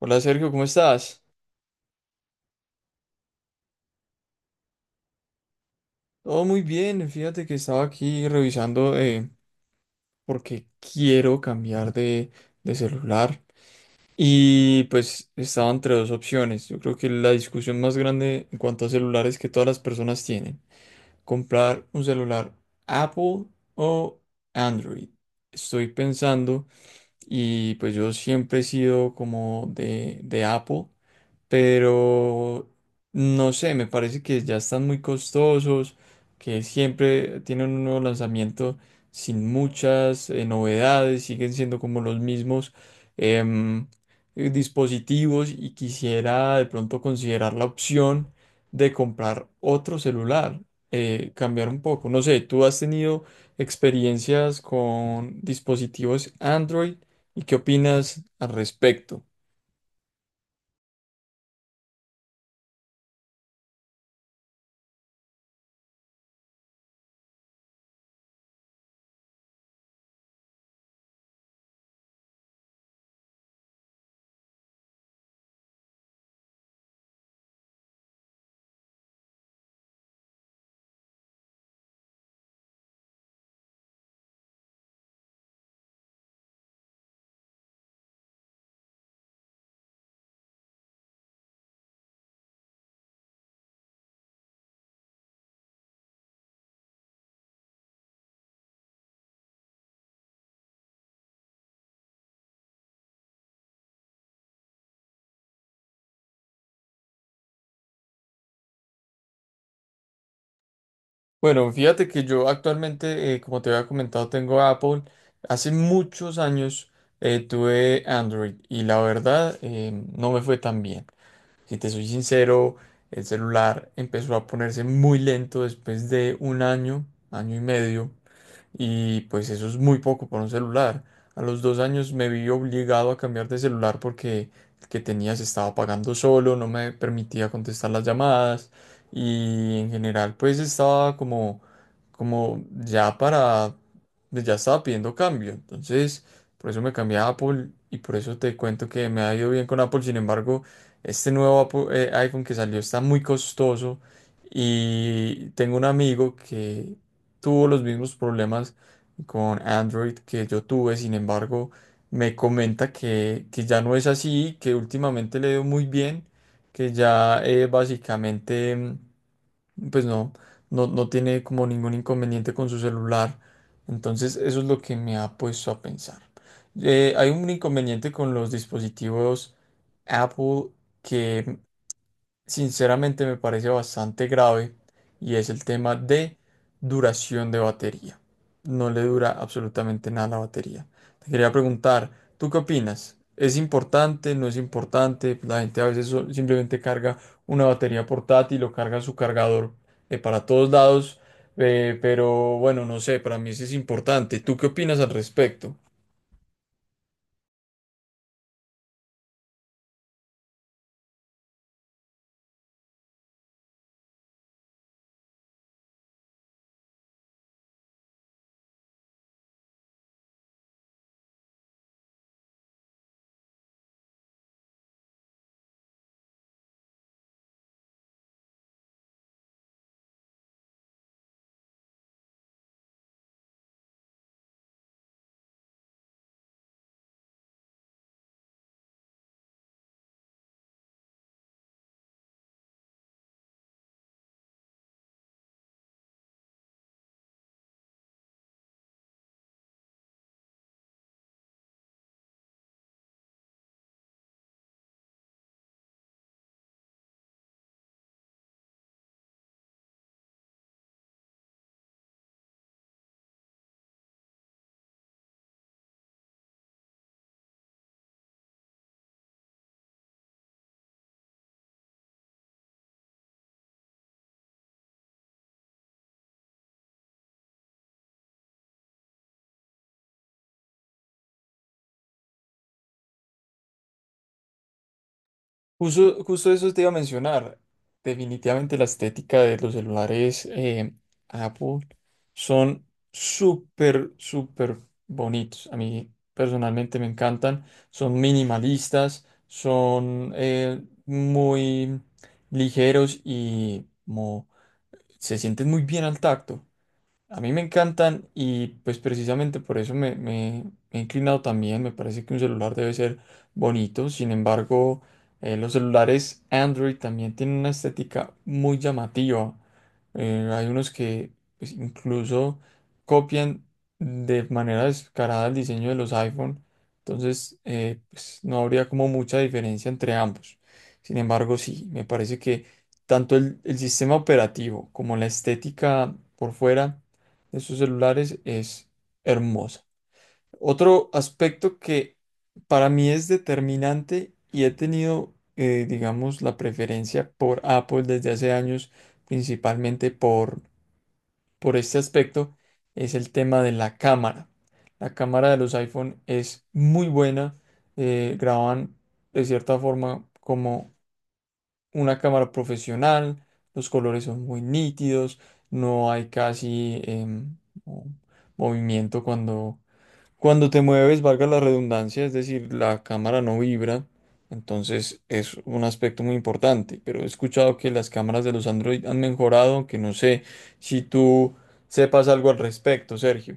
Hola Sergio, ¿cómo estás? Todo muy bien, fíjate que estaba aquí revisando porque quiero cambiar de celular y pues estaba entre dos opciones. Yo creo que la discusión más grande en cuanto a celulares que todas las personas tienen, comprar un celular Apple o Android. Estoy pensando y pues yo siempre he sido como de Apple, pero no sé, me parece que ya están muy costosos, que siempre tienen un nuevo lanzamiento sin muchas novedades, siguen siendo como los mismos em, dispositivos y quisiera de pronto considerar la opción de comprar otro celular, cambiar un poco. No sé, ¿tú has tenido experiencias con dispositivos Android y qué opinas al respecto? Bueno, fíjate que yo actualmente, como te había comentado, tengo Apple. Hace muchos años tuve Android y la verdad no me fue tan bien. Si te soy sincero, el celular empezó a ponerse muy lento después de un año, año y medio, y pues eso es muy poco por un celular. A los dos años me vi obligado a cambiar de celular porque el que tenía se estaba apagando solo, no me permitía contestar las llamadas y en general pues estaba como, como ya para, pues, ya estaba pidiendo cambio. Entonces, por eso me cambié a Apple y por eso te cuento que me ha ido bien con Apple. Sin embargo, este nuevo iPhone que salió está muy costoso. Y tengo un amigo que tuvo los mismos problemas con Android que yo tuve. Sin embargo, me comenta que ya no es así, que últimamente le dio muy bien, que ya básicamente, pues no tiene como ningún inconveniente con su celular. Entonces, eso es lo que me ha puesto a pensar. Hay un inconveniente con los dispositivos Apple que sinceramente me parece bastante grave, y es el tema de duración de batería. No le dura absolutamente nada la batería. Te quería preguntar, ¿tú qué opinas? ¿Es importante? ¿No es importante? La gente a veces simplemente carga una batería portátil o carga su cargador para todos lados, pero bueno, no sé, para mí sí es importante. ¿Tú qué opinas al respecto? Justo, justo eso te iba a mencionar. Definitivamente la estética de los celulares Apple son súper, súper bonitos. A mí personalmente me encantan. Son minimalistas, son muy ligeros y se sienten muy bien al tacto. A mí me encantan y pues precisamente por eso me he inclinado también. Me parece que un celular debe ser bonito. Sin embargo, los celulares Android también tienen una estética muy llamativa. Hay unos que, pues, incluso copian de manera descarada el diseño de los iPhone. Entonces, pues, no habría como mucha diferencia entre ambos. Sin embargo, sí, me parece que tanto el sistema operativo como la estética por fuera de sus celulares es hermosa. Otro aspecto que para mí es determinante, y he tenido, digamos, la preferencia por Apple desde hace años, principalmente por este aspecto, es el tema de la cámara. La cámara de los iPhone es muy buena, graban de cierta forma como una cámara profesional, los colores son muy nítidos, no hay casi mo- movimiento cuando te mueves, valga la redundancia, es decir, la cámara no vibra, entonces es un aspecto muy importante, pero he escuchado que las cámaras de los Android han mejorado, que no sé si tú sepas algo al respecto, Sergio.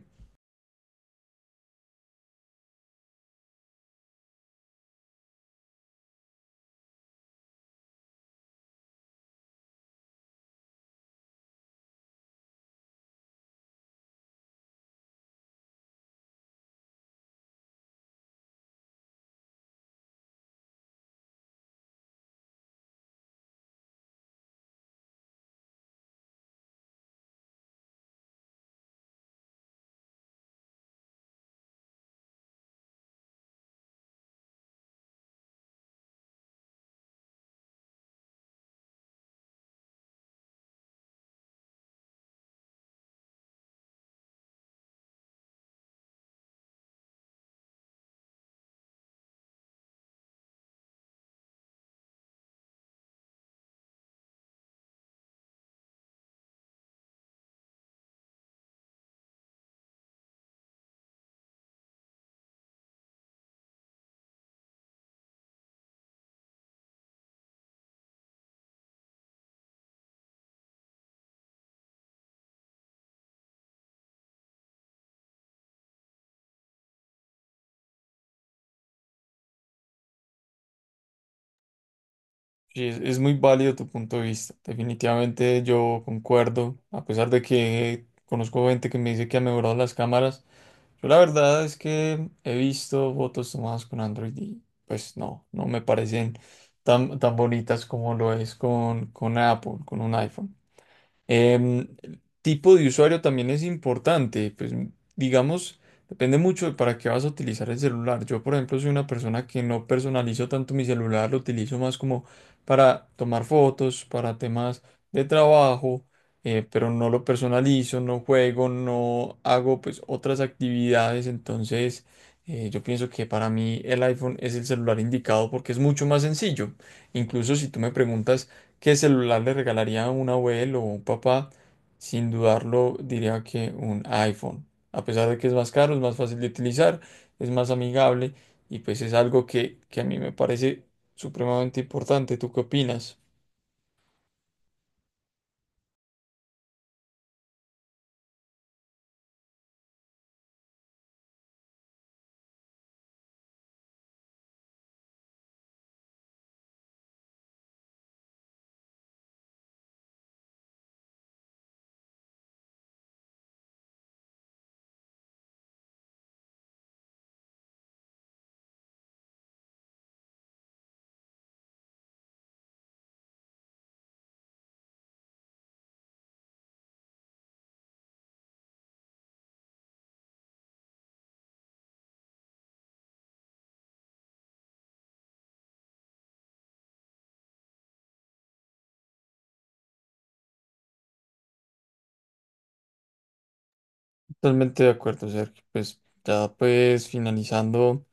Sí, es muy válido tu punto de vista. Definitivamente yo concuerdo, a pesar de que conozco gente que me dice que ha mejorado las cámaras. Yo la verdad es que he visto fotos tomadas con Android y pues no, no me parecen tan, tan bonitas como lo es con Apple, con un iPhone. Em, Tipo de usuario también es importante, pues digamos, depende mucho de para qué vas a utilizar el celular. Yo, por ejemplo, soy una persona que no personalizo tanto mi celular, lo utilizo más como para tomar fotos, para temas de trabajo, pero no lo personalizo, no juego, no hago pues otras actividades. Entonces, yo pienso que para mí el iPhone es el celular indicado porque es mucho más sencillo. Incluso si tú me preguntas… ¿Qué celular le regalaría a un abuelo o un papá? Sin dudarlo, diría que un iPhone. A pesar de que es más caro, es más fácil de utilizar, es más amigable, y pues es algo que a mí me parece supremamente importante. ¿Tú qué opinas? Totalmente de acuerdo, Sergio. Pues ya, pues finalizando,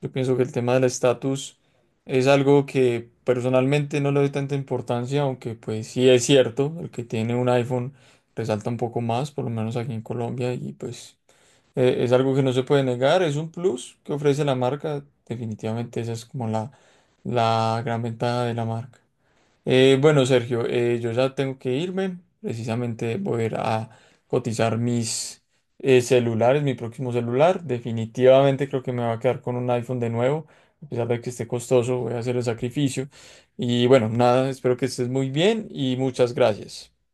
yo pienso que el tema del estatus es algo que personalmente no le doy tanta importancia, aunque pues sí es cierto, el que tiene un iPhone resalta un poco más, por lo menos aquí en Colombia, y pues… es algo que no se puede negar, es un plus que ofrece la marca. Definitivamente esa es como la gran ventaja de la marca. Bueno, Sergio, yo ya tengo que irme. Precisamente voy a ir a cotizar mis celulares, mi próximo celular. Definitivamente creo que me va a quedar con un iPhone de nuevo. A pesar de que esté costoso, voy a hacer el sacrificio. Y bueno, nada, espero que estés muy bien y muchas gracias.